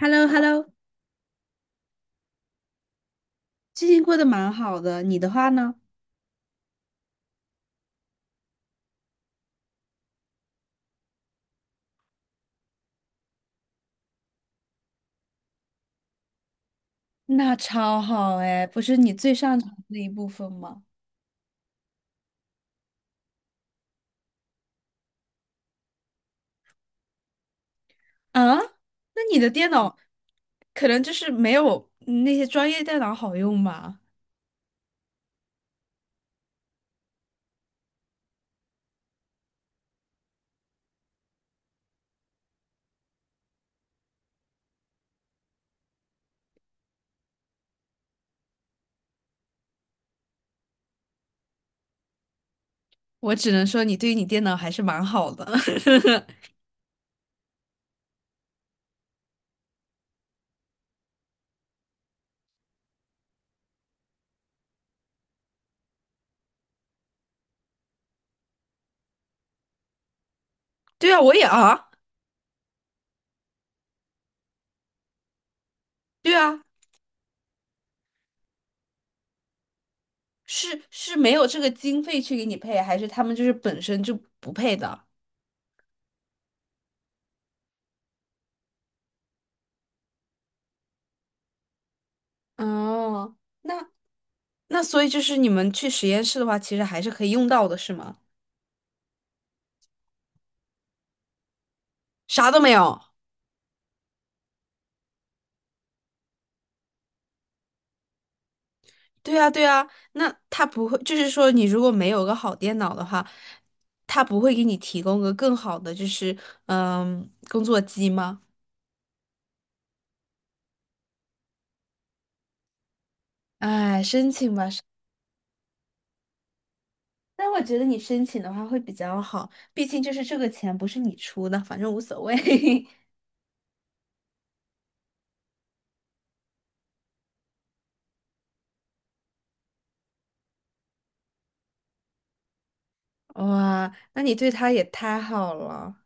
h e l l o h e l l o 最近过得蛮好的，你的话呢？那超好哎，不是你最擅长的那一部分吗？啊，那你的电脑可能就是没有那些专业电脑好用吧？我只能说你对于你电脑还是蛮好的。对啊，我也啊，对啊，是没有这个经费去给你配，还是他们就是本身就不配的？哦，那那所以就是你们去实验室的话，其实还是可以用到的，是吗？啥都没有。对啊，对啊，那他不会，就是说，你如果没有个好电脑的话，他不会给你提供个更好的，就是工作机吗？哎，申请吧，但我觉得你申请的话会比较好，毕竟就是这个钱不是你出的，反正无所谓。哇，那你对他也太好了，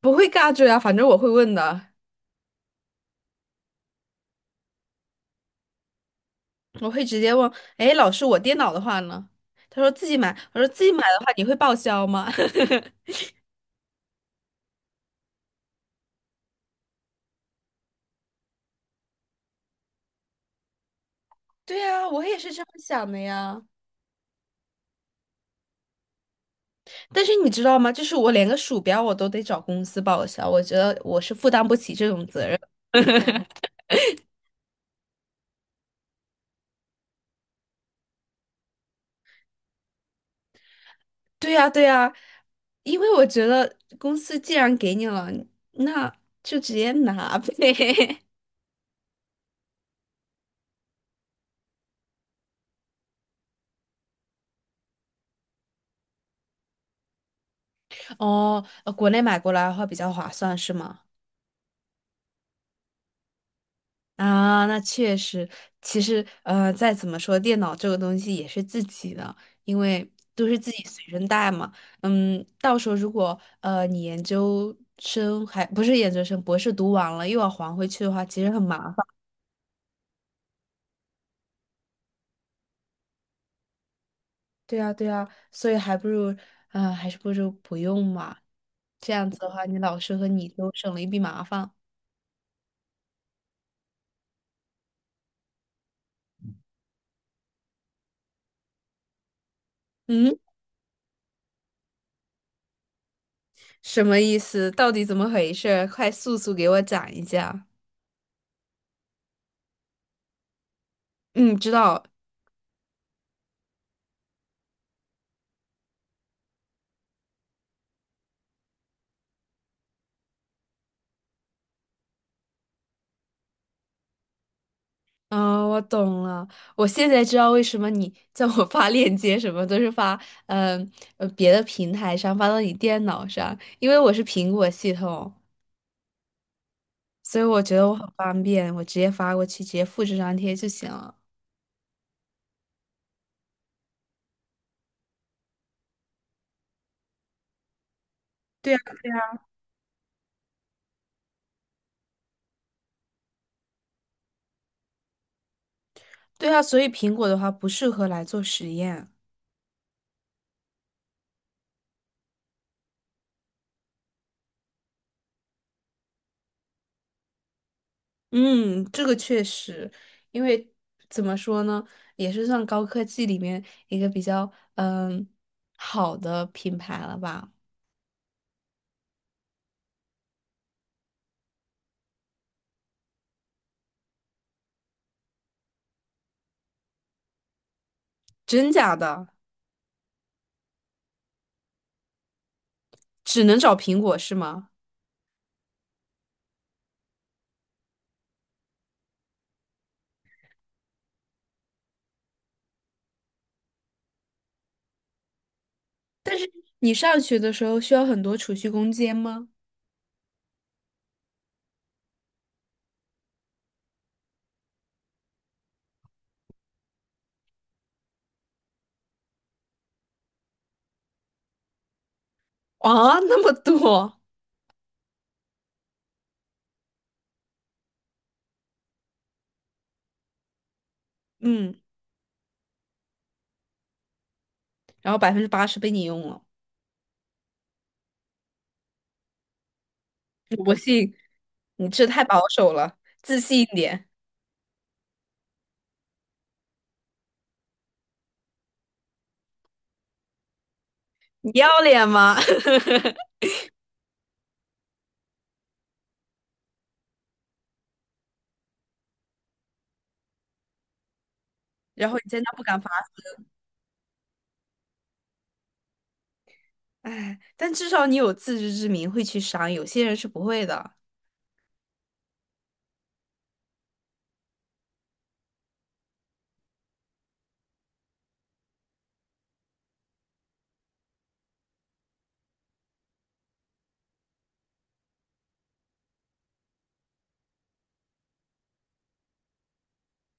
不会尬住呀，反正我会问的，我会直接问，哎，老师，我电脑的话呢？他说自己买，我说自己买的话，你会报销吗？对呀，我也是这么想的呀。但是你知道吗？就是我连个鼠标我都得找公司报销，我觉得我是负担不起这种责任。对呀，对呀，因为我觉得公司既然给你了，那就直接拿呗。哦，国内买过来的话比较划算，是吗？啊，那确实，其实再怎么说，电脑这个东西也是自己的，因为都是自己随身带嘛。嗯，到时候如果你研究生还不是研究生，博士读完了又要还回去的话，其实很麻烦。对啊，对啊，所以还是不如不用嘛。这样子的话，你老师和你都省了一笔麻烦。嗯，什么意思？到底怎么回事？快速速给我讲一下。嗯，知道，嗯，我懂了，我现在知道为什么你叫我发链接，什么都是发，嗯别的平台上发到你电脑上，因为我是苹果系统，所以我觉得我很方便，我直接发过去，直接复制粘贴就行了。对啊，对啊，所以苹果的话不适合来做实验。嗯，这个确实，因为怎么说呢，也是算高科技里面一个比较嗯好的品牌了吧？真假的？只能找苹果是吗？你上学的时候需要很多储蓄空间吗？啊，那么多，嗯，然后80%被你用了，我信，你这太保守了，自信一点，你要脸吗？然后你在那不敢发，哎，但至少你有自知之明，会去删，有些人是不会的。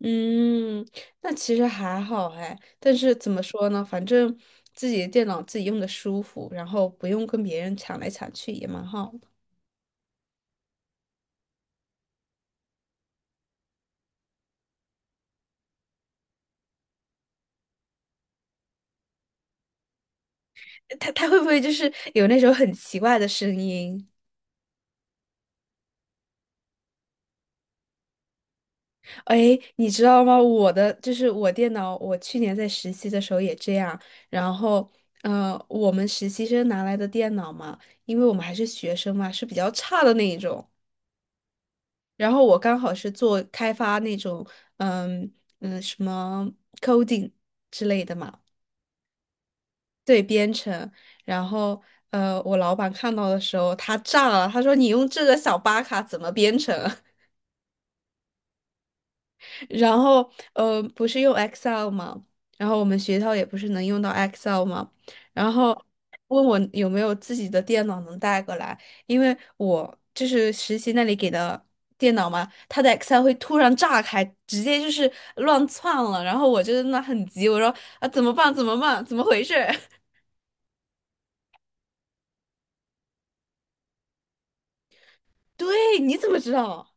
嗯，那其实还好哎，但是怎么说呢，反正自己的电脑自己用的舒服，然后不用跟别人抢来抢去也蛮好的。他会不会就是有那种很奇怪的声音？哎，你知道吗？我的就是我电脑，我去年在实习的时候也这样。然后，我们实习生拿来的电脑嘛，因为我们还是学生嘛，是比较差的那一种。然后我刚好是做开发那种，嗯什么 coding 之类的嘛，对，编程。然后，我老板看到的时候，他炸了，他说：“你用这个小巴卡怎么编程？”然后不是用 Excel 吗？然后我们学校也不是能用到 Excel 吗？然后问我有没有自己的电脑能带过来，因为我就是实习那里给的电脑嘛，它的 Excel 会突然炸开，直接就是乱窜了。然后我就在那很急，我说啊怎么办？怎么办？怎么回事？对，你怎么知道？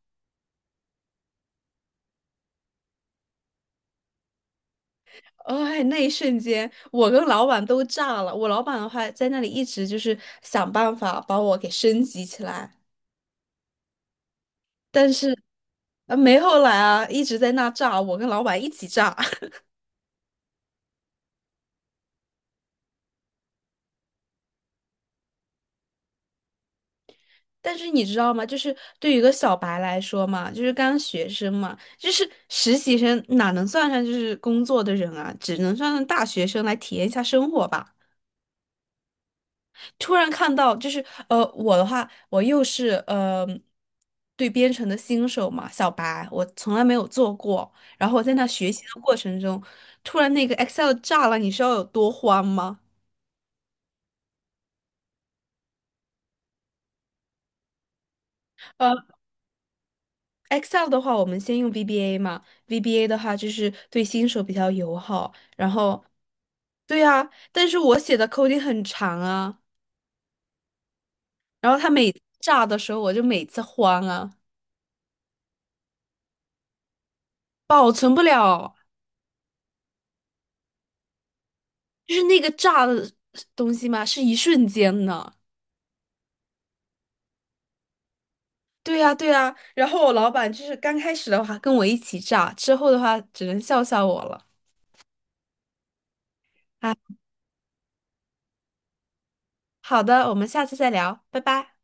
哦哎，那一瞬间，我跟老板都炸了。我老板的话，在那里一直就是想办法把我给升级起来。但是啊，没后来啊，一直在那炸，我跟老板一起炸。但是你知道吗？就是对于一个小白来说嘛，就是刚学生嘛，就是实习生哪能算上就是工作的人啊？只能算上大学生来体验一下生活吧。突然看到，就是我的话，我又是对编程的新手嘛，小白，我从来没有做过。然后我在那学习的过程中，突然那个 Excel 炸了，你知道有多慌吗？呃。Excel 的话，我们先用 VBA 嘛，VBA 的话就是对新手比较友好。然后，对啊，但是我写的 coding 很长啊，然后他每次炸的时候，我就每次慌啊，保存不了，就是那个炸的东西嘛，是一瞬间的。对呀，对呀。然后我老板就是刚开始的话跟我一起炸，之后的话只能笑笑我了。啊，好的，我们下次再聊，拜拜。